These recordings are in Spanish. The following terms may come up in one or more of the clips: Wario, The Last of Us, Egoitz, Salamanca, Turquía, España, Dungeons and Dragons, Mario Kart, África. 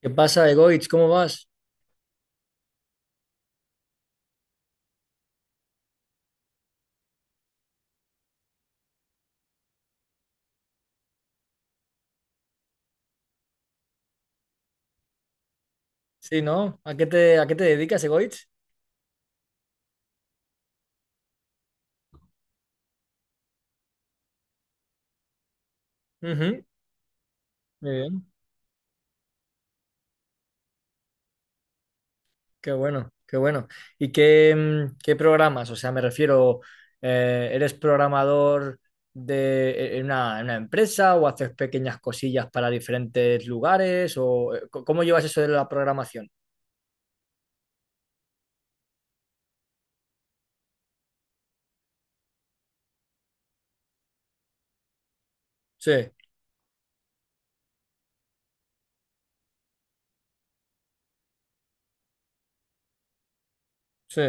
¿Qué pasa, Egoitz? ¿Cómo vas? Sí, ¿no? ¿A qué te dedicas, Egoitz? Ujú. Muy bien. Qué bueno, qué bueno. ¿Y qué programas? O sea, me refiero. ¿Eres programador en una empresa o haces pequeñas cosillas para diferentes lugares? ¿O cómo llevas eso de la programación? Sí, sí.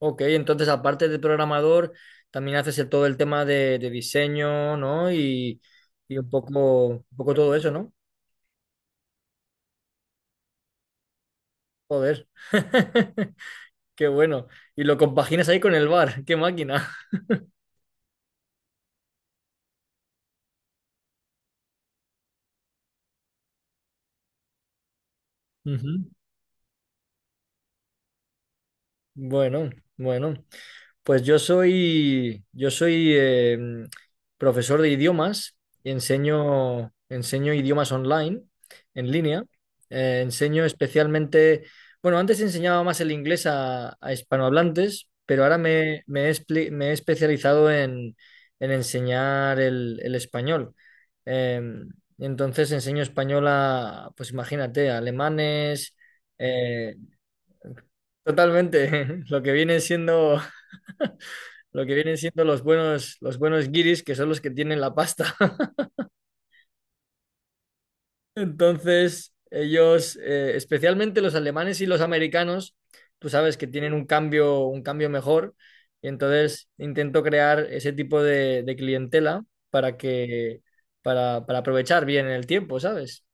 Ok, entonces aparte de programador, también haces todo el tema de diseño, ¿no? Y un poco todo eso, ¿no? Joder, qué bueno. Y lo compaginas ahí con el bar, qué máquina. Ujú. Bueno, bueno. Pues yo soy profesor de idiomas y enseño idiomas online, en línea. Enseño especialmente, bueno, antes enseñaba más el inglés a hispanohablantes, pero ahora me he especializado en enseñar el español. Eh, entonces enseño español a, pues imagínate, a alemanes, eh, totalmente, lo que vienen siendo los buenos guiris, que son los que tienen la pasta. Entonces, ellos, especialmente los alemanes y los americanos, tú sabes que tienen un cambio mejor, y entonces intento crear ese tipo de clientela para aprovechar bien el tiempo, ¿sabes?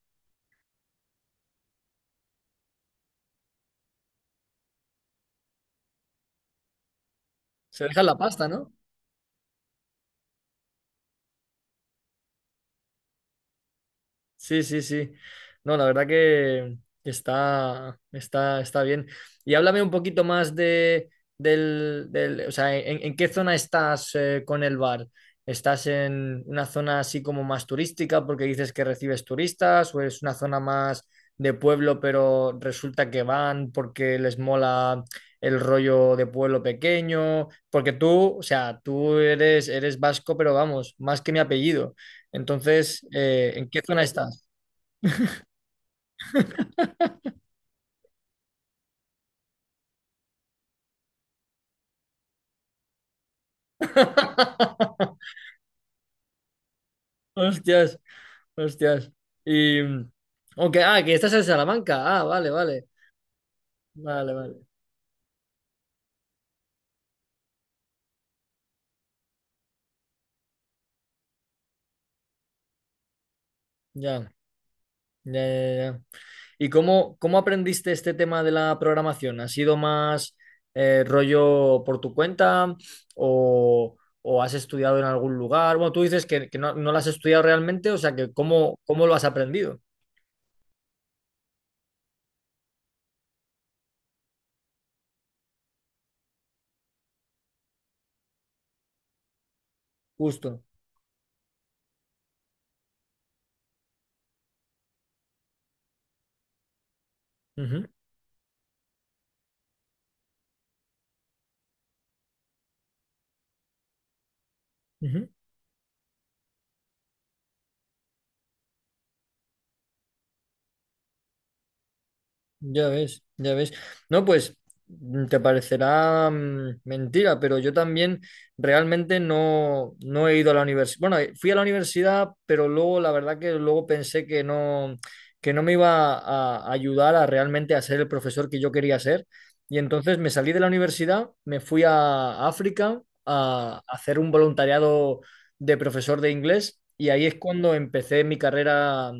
Se dejan la pasta, ¿no? Sí, sí, sí. No, la verdad que está bien. Y háblame un poquito más o sea, en qué zona estás, con el bar? ¿Estás en una zona así como más turística porque dices que recibes turistas o es una zona más de pueblo pero resulta que van porque les mola el rollo de pueblo pequeño? Porque tú, o sea, tú eres vasco, pero vamos, más que mi apellido. Entonces, ¿en qué zona estás? Hostias, hostias. Y. Aunque, ah, que estás en Salamanca. Ah, vale, vale. Vale, vale. Ya, ya, ya, ya. ¿Y cómo aprendiste este tema de la programación? ¿Ha sido más rollo por tu cuenta o, o has estudiado en algún lugar? Bueno, tú dices que no lo has estudiado realmente, o sea que ¿cómo lo has aprendido? Justo. Ujú, ujú. Ya ves, ya ves. No, pues te parecerá mentira, pero yo también realmente no he ido a la universidad. Bueno, fui a la universidad, pero luego la verdad que luego pensé que no me iba a ayudar a realmente a ser el profesor que yo quería ser. Y entonces me salí de la universidad, me fui a África a hacer un voluntariado de profesor de inglés y ahí es cuando empecé mi carrera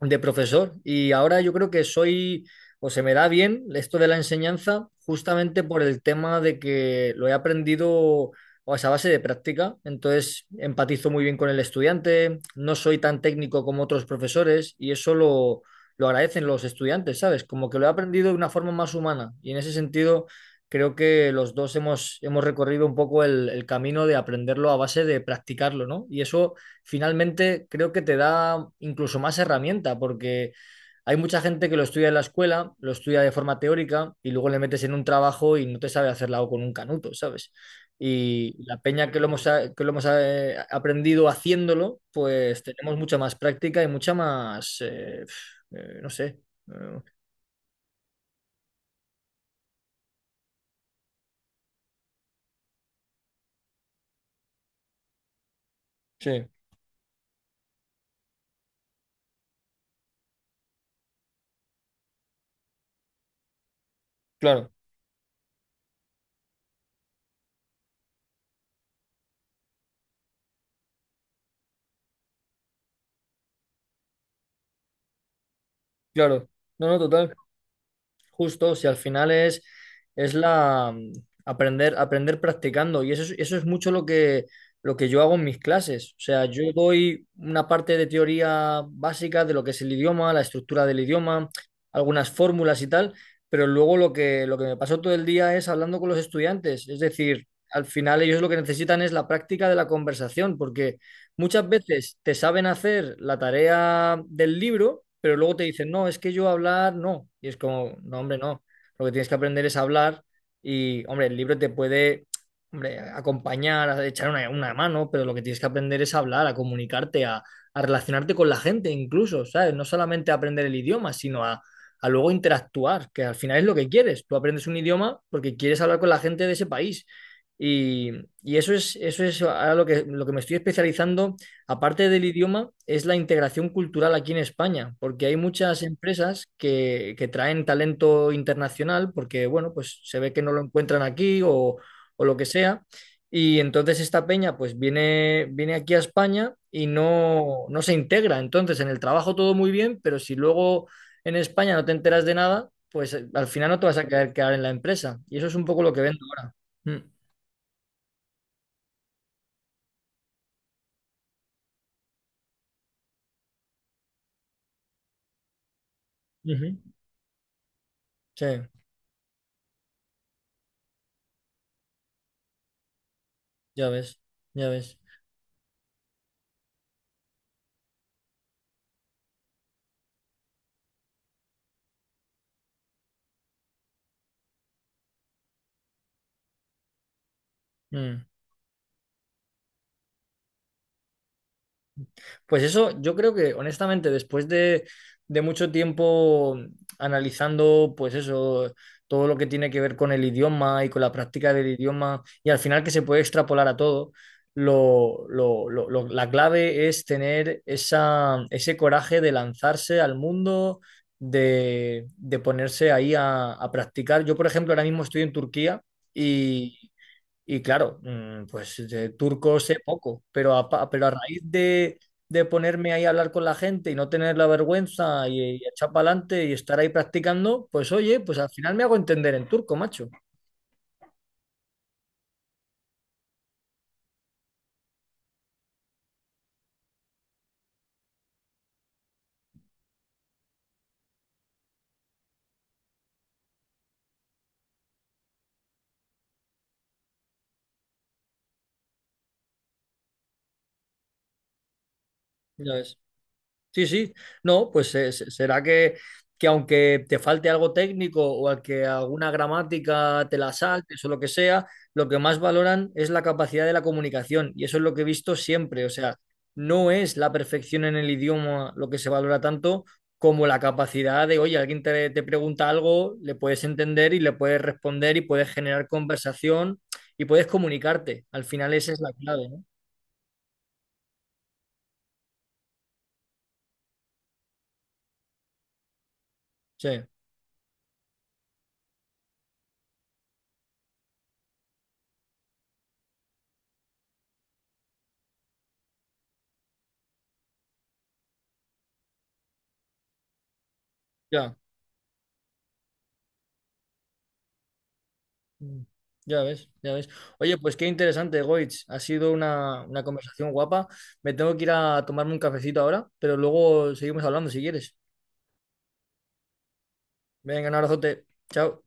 de profesor. Y ahora yo creo que soy o se me da bien esto de la enseñanza justamente por el tema de que lo he aprendido, o sea, a base de práctica, entonces empatizo muy bien con el estudiante, no soy tan técnico como otros profesores y eso lo agradecen los estudiantes, ¿sabes? Como que lo he aprendido de una forma más humana y en ese sentido creo que los dos hemos recorrido un poco el camino de aprenderlo a base de practicarlo, ¿no? Y eso finalmente creo que te da incluso más herramienta porque hay mucha gente que lo estudia en la escuela, lo estudia de forma teórica y luego le metes en un trabajo y no te sabe hacer la O con un canuto, ¿sabes? Y la peña que lo hemos aprendido haciéndolo, pues tenemos mucha más práctica y mucha más, no sé. eh, sí, claro, claro. No, no, total. Justo, si al final es la aprender, aprender practicando. Y eso es mucho lo que yo hago en mis clases. O sea, yo doy una parte de teoría básica de lo que es el idioma, la estructura del idioma, algunas fórmulas y tal, pero luego lo que me pasó todo el día es hablando con los estudiantes. Es decir, al final ellos lo que necesitan es la práctica de la conversación, porque muchas veces te saben hacer la tarea del libro, pero luego te dicen, no, es que yo hablar no. Y es como, no, hombre, no. Lo que tienes que aprender es hablar y, hombre, el libro te puede, hombre, acompañar, a echar una mano, pero lo que tienes que aprender es hablar, a comunicarte, a relacionarte con la gente incluso, ¿sabes? No solamente a aprender el idioma, sino a luego interactuar, que al final es lo que quieres. Tú aprendes un idioma porque quieres hablar con la gente de ese país y, y eso es ahora lo que me estoy especializando, aparte del idioma, es la integración cultural aquí en España, porque hay muchas empresas que traen talento internacional, porque, bueno, pues se ve que no lo encuentran aquí o lo que sea. Y entonces esta peña pues viene aquí a España y no se integra. Entonces en el trabajo todo muy bien, pero si luego en España no te enteras de nada, pues al final no te vas a quedar en la empresa. Y eso es un poco lo que vendo ahora. Mm. Ujú. Sí, ya ves, ya ves. Mm. Pues eso, yo creo que honestamente, después de mucho tiempo analizando, pues eso, todo lo que tiene que ver con el idioma y con la práctica del idioma, y al final que se puede extrapolar a todo, la clave es tener esa, ese coraje de lanzarse al mundo, de ponerse ahí a practicar. Yo, por ejemplo, ahora mismo estoy en Turquía. Y claro, pues de turco sé poco, pero a raíz de ponerme ahí a hablar con la gente y no tener la vergüenza y echar para adelante y estar ahí practicando, pues oye, pues al final me hago entender en turco, macho. Ya ves. Sí, sí. No, pues será que aunque te falte algo técnico o al que alguna gramática te la saltes o lo que sea, lo que más valoran es la capacidad de la comunicación. Y eso es lo que he visto siempre. O sea, no es la perfección en el idioma lo que se valora tanto como la capacidad de, oye, alguien te pregunta algo, le puedes entender y le puedes responder y puedes generar conversación y puedes comunicarte. Al final esa es la clave, ¿no? Sí, ya. Mm. Ya ves, ya ves. Oye, pues qué interesante, Goitz. Ha sido una conversación guapa. Me tengo que ir a tomarme un cafecito ahora, pero luego seguimos hablando si quieres. Venga, un abrazote. Chao.